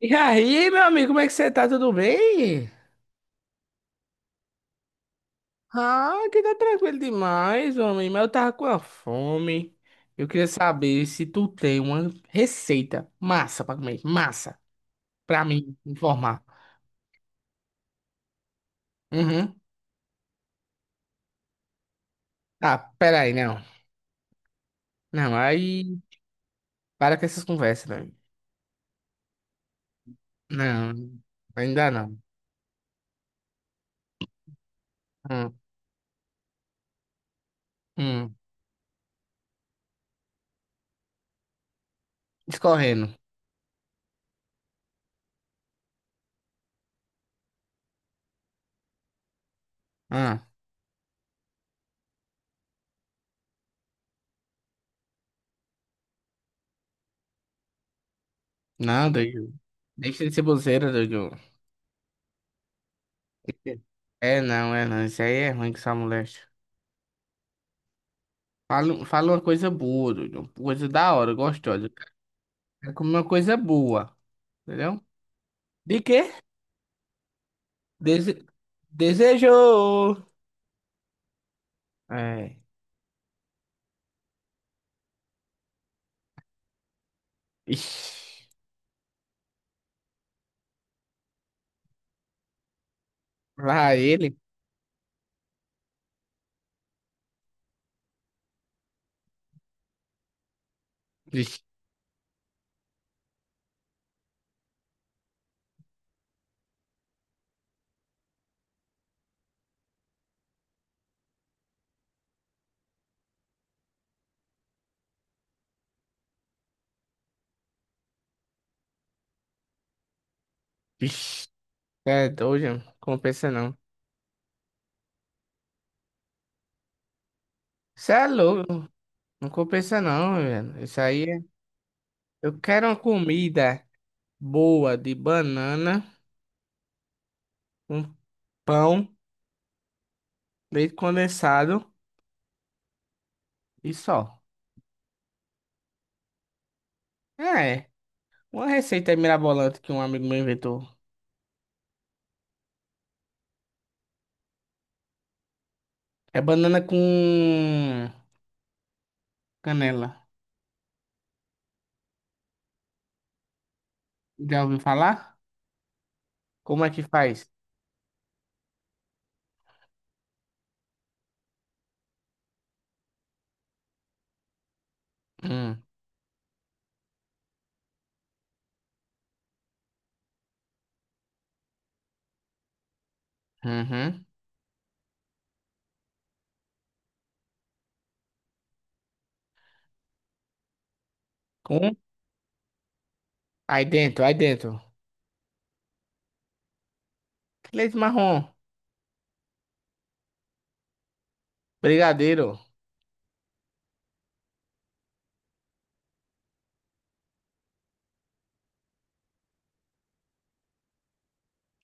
E aí, meu amigo, como é que você tá? Tudo bem? Ah, que tá tranquilo demais, homem. Mas eu tava com a fome. Eu queria saber se tu tem uma receita massa pra comer. Massa. Pra mim informar. Uhum. Tá, pera aí, não. Não, aí... Para com essas conversas, né? Não, ainda não. Hum, hum. Escorrendo. Ah, não, doido. Deixa de ser bozeira, doido. É não, é não. Isso aí é ruim que essa mulher. Fala uma coisa boa, doido. Uma coisa da hora, gostosa. Quero comer uma coisa boa, entendeu? De quê? Dese... Desejou. É. Ixi. Lá ele. Ixi, ixi. É doido, não compensa não. Você é louco, não compensa não, velho. Isso aí é... Eu quero uma comida boa de banana, um pão, leite condensado e só. É, uma receita aí mirabolante que um amigo meu inventou. É banana com canela. Já ouviu falar? Como é que faz? Hum, uhum. Com? Aí dentro. Leite marrom. Brigadeiro.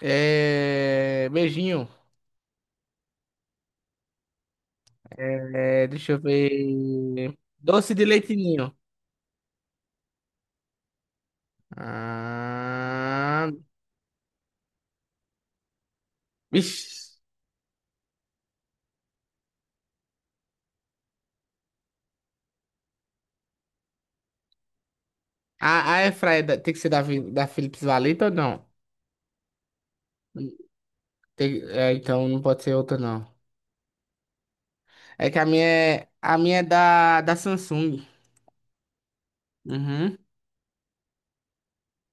É... Beijinho. É... Deixa eu ver. Doce de leite ninho. Ah... Vixe. A airfryer tem que ser da Philips Valeta ou não? É, então não pode ser outra, não. É que a minha é da Samsung. Uhum.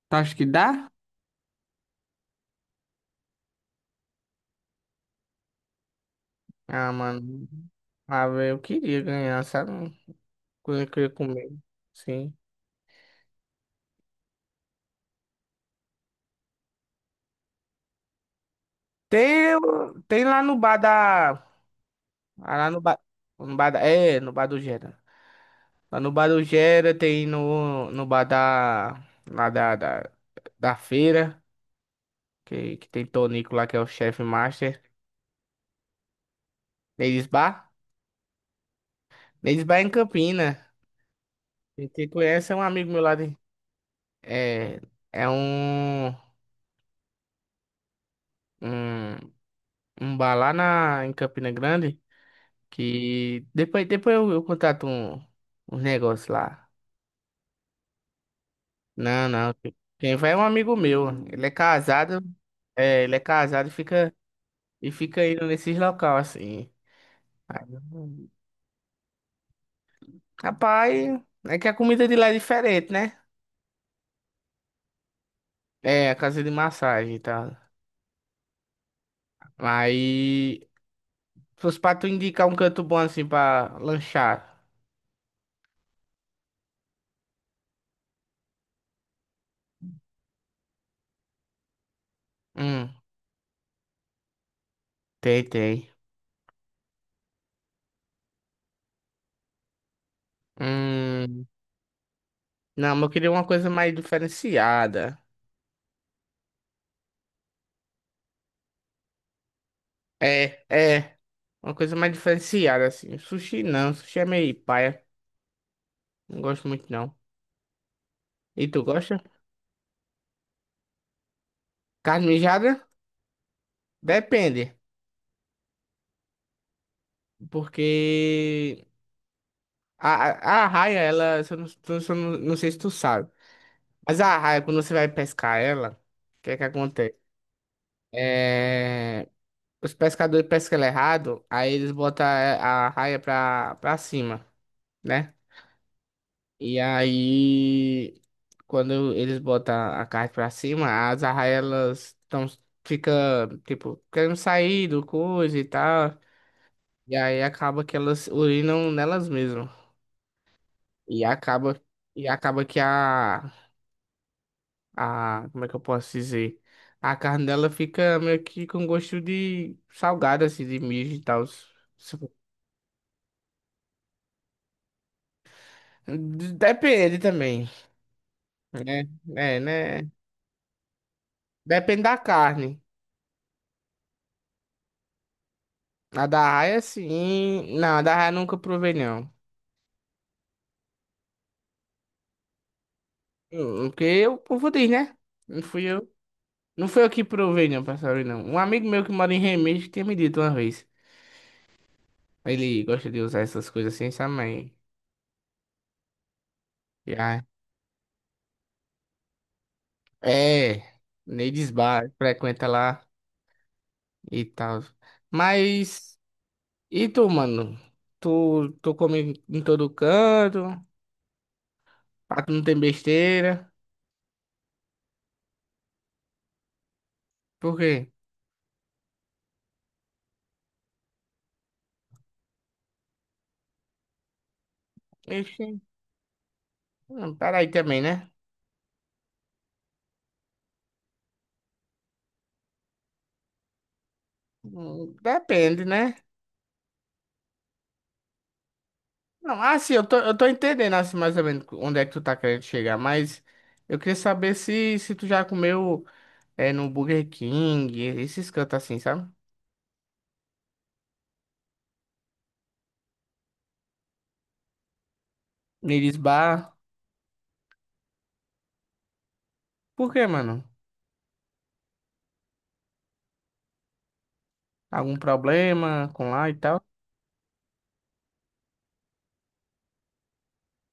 Tu acha que dá? Ah, mano. Ah, velho, eu queria ganhar, sabe? Coisa que eu queria comer. Sim. Tem, tem lá no bar da. Ah, lá no bar. No bar da, é, no bar do Gera. Lá no bar do Gera tem no bar da. Lá da feira. Que tem Tonico lá, que é o chefe master. Neles Bar. Neles Bar é em Campina. Quem te conhece é um amigo meu lá de. É. É um. Um, um bar lá na, em Campina Grande. Que depois eu contrato um negócio lá. Não, não. Quem vai é um amigo meu. Ele é casado. É, ele é casado e fica indo nesses local assim. Aí, eu- Rapaz, é que a comida de lá é diferente, né? É, a casa de massagem e tal. Aí, se fosse pra tu indicar um canto bom assim pra lanchar. Hum, tem, tem. Hum, não, mas eu queria uma coisa mais diferenciada. É, é. Uma coisa mais diferenciada, assim. Sushi não, sushi é meio paia. Não gosto muito, não. E tu gosta? Carne mijada? Depende. Porque a arraia, ela, se eu não, não sei se tu sabe, mas a arraia, quando você vai pescar ela, o que é que acontece? É, os pescadores pescam ela errado, aí eles botam a arraia pra cima, né? E aí. Quando eles botam a carne pra cima, as arraias tão fica tipo querendo sair do coisa e tal, e aí acaba que elas urinam nelas mesmas. E acaba e acaba que a como é que eu posso dizer? A carne dela fica meio que com gosto de salgada assim, de mijo e tal. Depende também, né? É, né? Depende da carne. A da arraia, sim. Não, a da arraia nunca provei, não. Porque eu, o povo né? Não fui eu. Não fui eu que provei, não, passarinho, não. Um amigo meu que mora em Remédio tinha me dito uma vez. Ele gosta de usar essas coisas assim, sabe? Mas já. É. Neides Bar, frequenta lá e tal. Mas. E tu, mano? Tu come em todo canto? Pra tu não tem besteira? Por quê? Ixi. Hum, peraí também, né? Depende, né? Não, assim, eu tô entendendo assim, mais ou menos onde é que tu tá querendo chegar, mas eu queria saber se tu já comeu é, no Burger King, esses cantos assim, sabe? Neles Bar. Por quê, mano? Algum problema com lá e tal?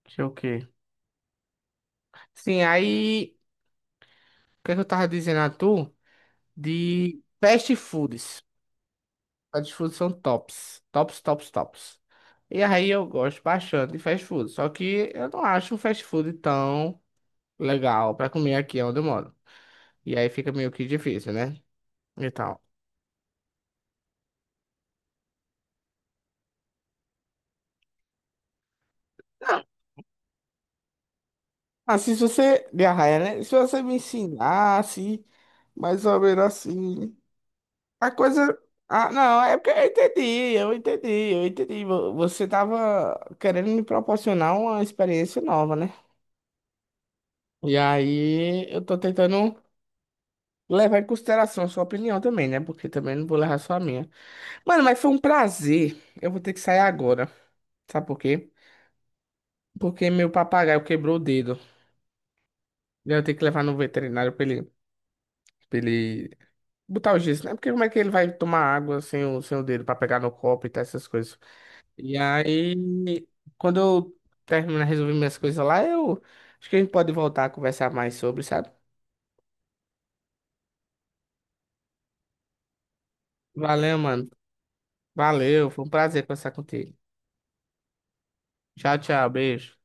Sei o quê. Sim, aí, o que é que eu tava dizendo a tu? De fast foods. Fast foods são tops. Tops, tops, tops. E aí eu gosto bastante de fast food, só que eu não acho um fast food tão legal pra comer aqui onde eu moro. E aí fica meio que difícil, né? E tal. Não. Assim, se você. De arraia, né? Se você me ensinasse, mais ou menos assim. A coisa. Ah, não, é porque eu entendi, eu entendi. Você tava querendo me proporcionar uma experiência nova, né? E aí eu tô tentando levar em consideração a sua opinião também, né? Porque também não vou levar só a minha. Mano, mas foi um prazer. Eu vou ter que sair agora. Sabe por quê? Porque meu papagaio quebrou o dedo. E eu tenho que levar no veterinário pra ele botar o gesso, né? Porque como é que ele vai tomar água sem o dedo pra pegar no copo e tal, essas coisas. E aí, quando eu terminar de resolver minhas coisas lá, eu acho que a gente pode voltar a conversar mais sobre, sabe? Valeu, mano. Valeu, foi um prazer conversar contigo. Tchau, tchau, beijo.